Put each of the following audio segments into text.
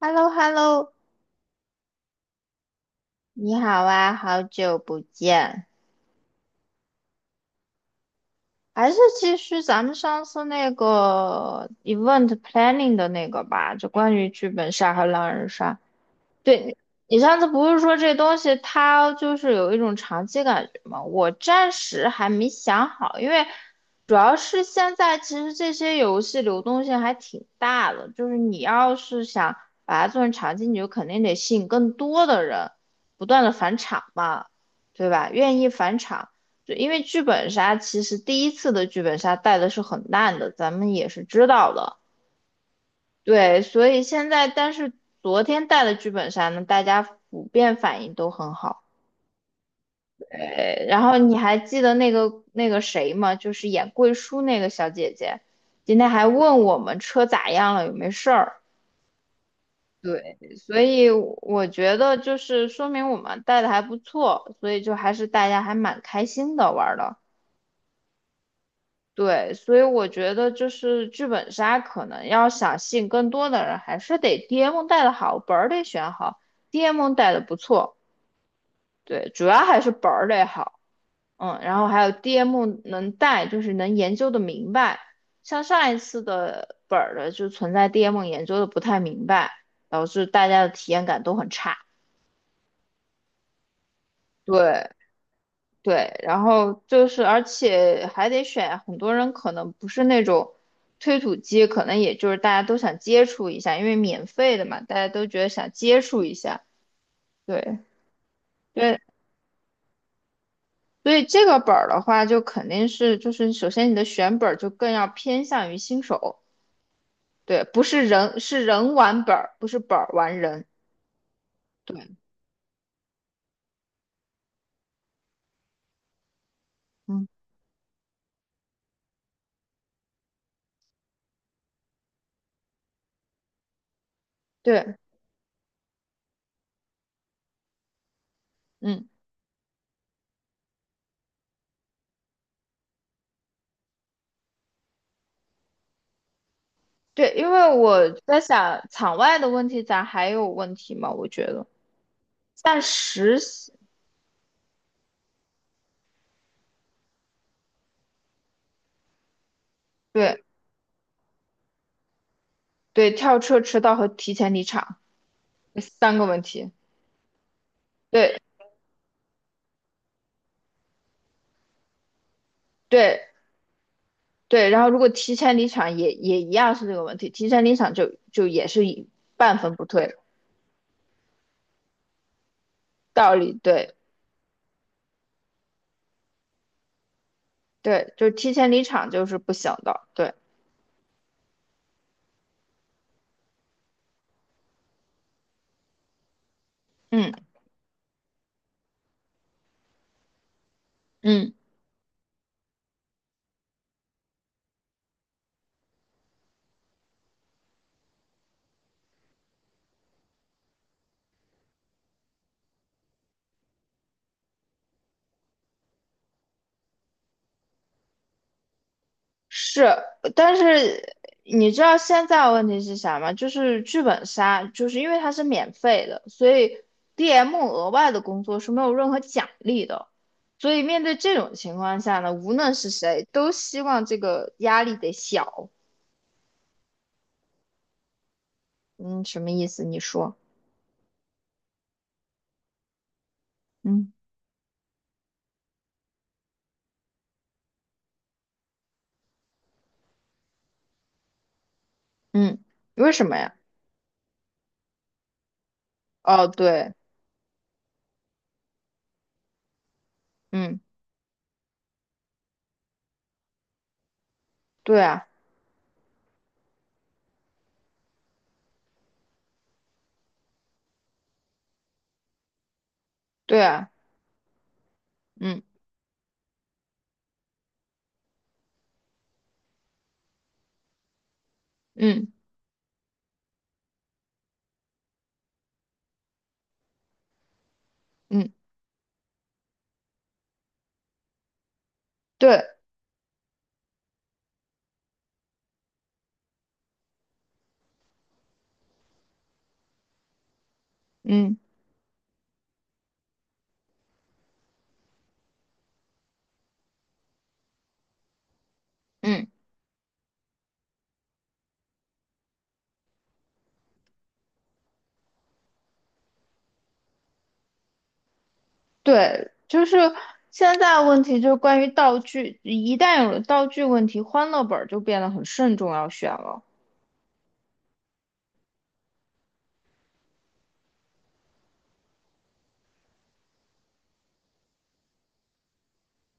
h e l l o h e l l o 你好啊，好久不见。还是继续咱们上次那个 event planning 的那个吧，就关于剧本杀和狼人杀。对，你上次不是说这东西它就是有一种长期感觉吗？我暂时还没想好，因为主要是现在其实这些游戏流动性还挺大的，就是你要是想把它做成长期，你就肯定得吸引更多的人，不断的返场嘛，对吧？愿意返场，就因为剧本杀其实第一次的剧本杀带的是很烂的，咱们也是知道的。对，所以现在，但是昨天带的剧本杀呢，大家普遍反应都很好。然后你还记得那个谁吗？就是演贵叔那个小姐姐，今天还问我们车咋样了，有没事儿。对，所以我觉得就是说明我们带的还不错，所以就还是大家还蛮开心的玩儿的。对，所以我觉得就是剧本杀可能要想吸引更多的人，还是得 DM 带的好，本儿得选好，DM 带的不错。对，主要还是本儿得好，嗯，然后还有 DM 能带，就是能研究的明白。像上一次的本儿的就存在 DM 研究的不太明白，导致大家的体验感都很差。对，对，然后就是，而且还得选，很多人可能不是那种推土机，可能也就是大家都想接触一下，因为免费的嘛，大家都觉得想接触一下。对对，所以这个本儿的话，就肯定是就是首先你的选本儿就更要偏向于新手，对，不是人是人玩本儿，不是本儿玩人。对，嗯，对，嗯，对，因为我在想场外的问题，咱还有问题吗？我觉得，但实习对。对，跳车迟到和提前离场这三个问题。对对对，然后如果提前离场也也一样是这个问题，提前离场就也是一半分不退，道理对对，就是提前离场就是不行的，对，嗯嗯。是，但是你知道现在问题是啥吗？就是剧本杀，就是因为它是免费的，所以 DM 额外的工作是没有任何奖励的。所以面对这种情况下呢，无论是谁，都希望这个压力得小。嗯，什么意思？你说，嗯嗯，为什么呀？哦，对，嗯，对啊，对啊，嗯嗯嗯，对，嗯嗯。对，就是现在问题就是关于道具，一旦有了道具问题，欢乐本儿就变得很慎重要选了。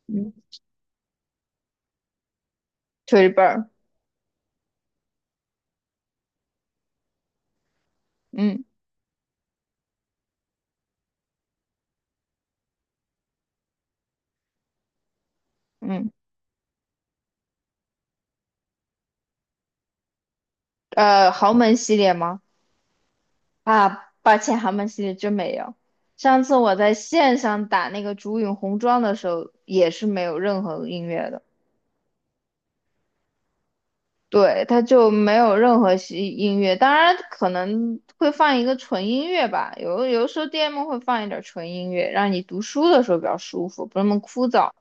嗯，推本儿，嗯嗯，豪门系列吗？啊，抱歉，豪门系列真没有。上次我在线上打那个竹影红妆的时候，也是没有任何音乐的。对，它就没有任何西音乐，当然可能会放一个纯音乐吧，有的时候 DM 会放一点纯音乐，让你读书的时候比较舒服，不那么枯燥。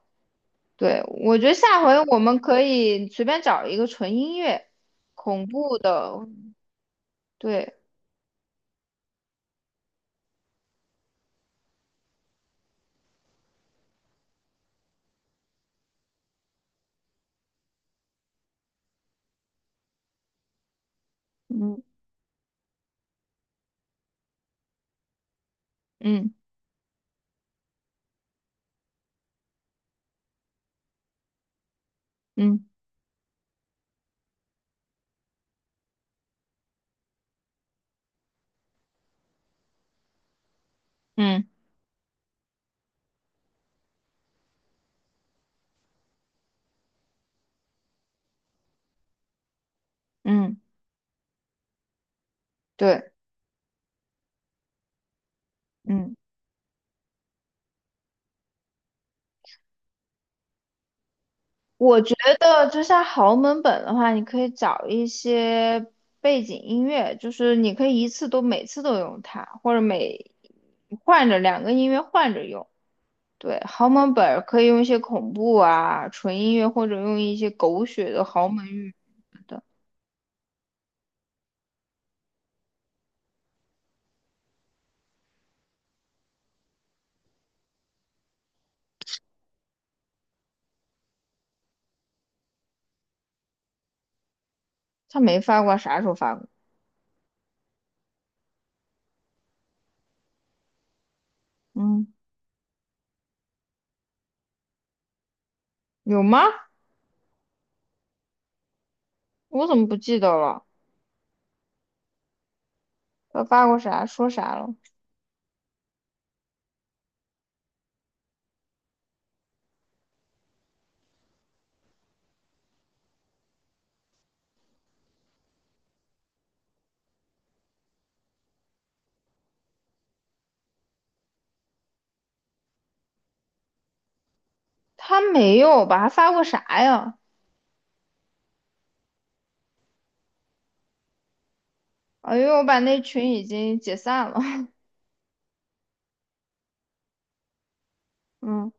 对，我觉得下回我们可以随便找一个纯音乐，恐怖的，对，嗯嗯嗯嗯嗯，对，嗯。我觉得就像豪门本的话，你可以找一些背景音乐，就是你可以一次都每次都用它，或者每换着两个音乐换着用。对，豪门本儿可以用一些恐怖啊、纯音乐，或者用一些狗血的豪门语的。他没发过，啥时候发过？嗯，有吗？我怎么不记得了？他发过啥？说啥了？他没有吧？他发过啥呀？哎呦，我把那群已经解散了。嗯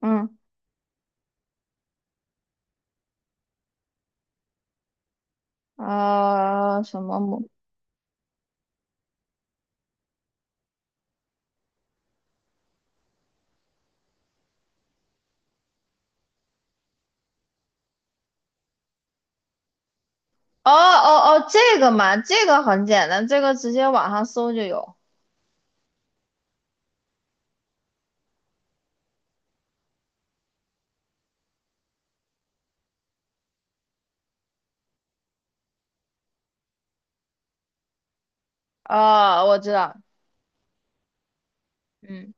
嗯。啊、什么母？哦哦哦，这个嘛，这个很简单，这个直接网上搜就有。哦，我知道，嗯，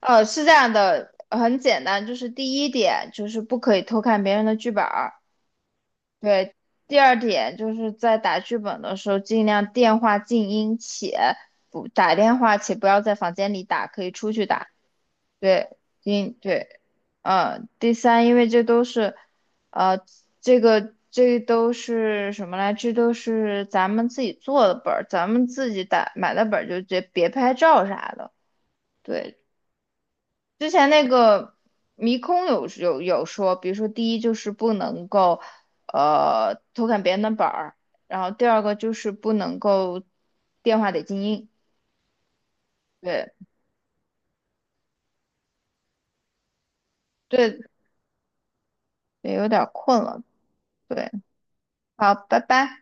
是这样的，很简单，就是第一点就是不可以偷看别人的剧本儿，对。第二点就是在打剧本的时候，尽量电话静音且不打电话，且不要在房间里打，可以出去打。对，因对，嗯，第三，因为这都是，呃，这个这都是什么来？这都是咱们自己做的本儿，咱们自己打买的本儿，就别拍照啥的。对，之前那个迷空有说，比如说第一就是不能够，偷看别人的本儿，然后第二个就是不能够电话得静音。对对，也有点儿困了。对，好，拜拜。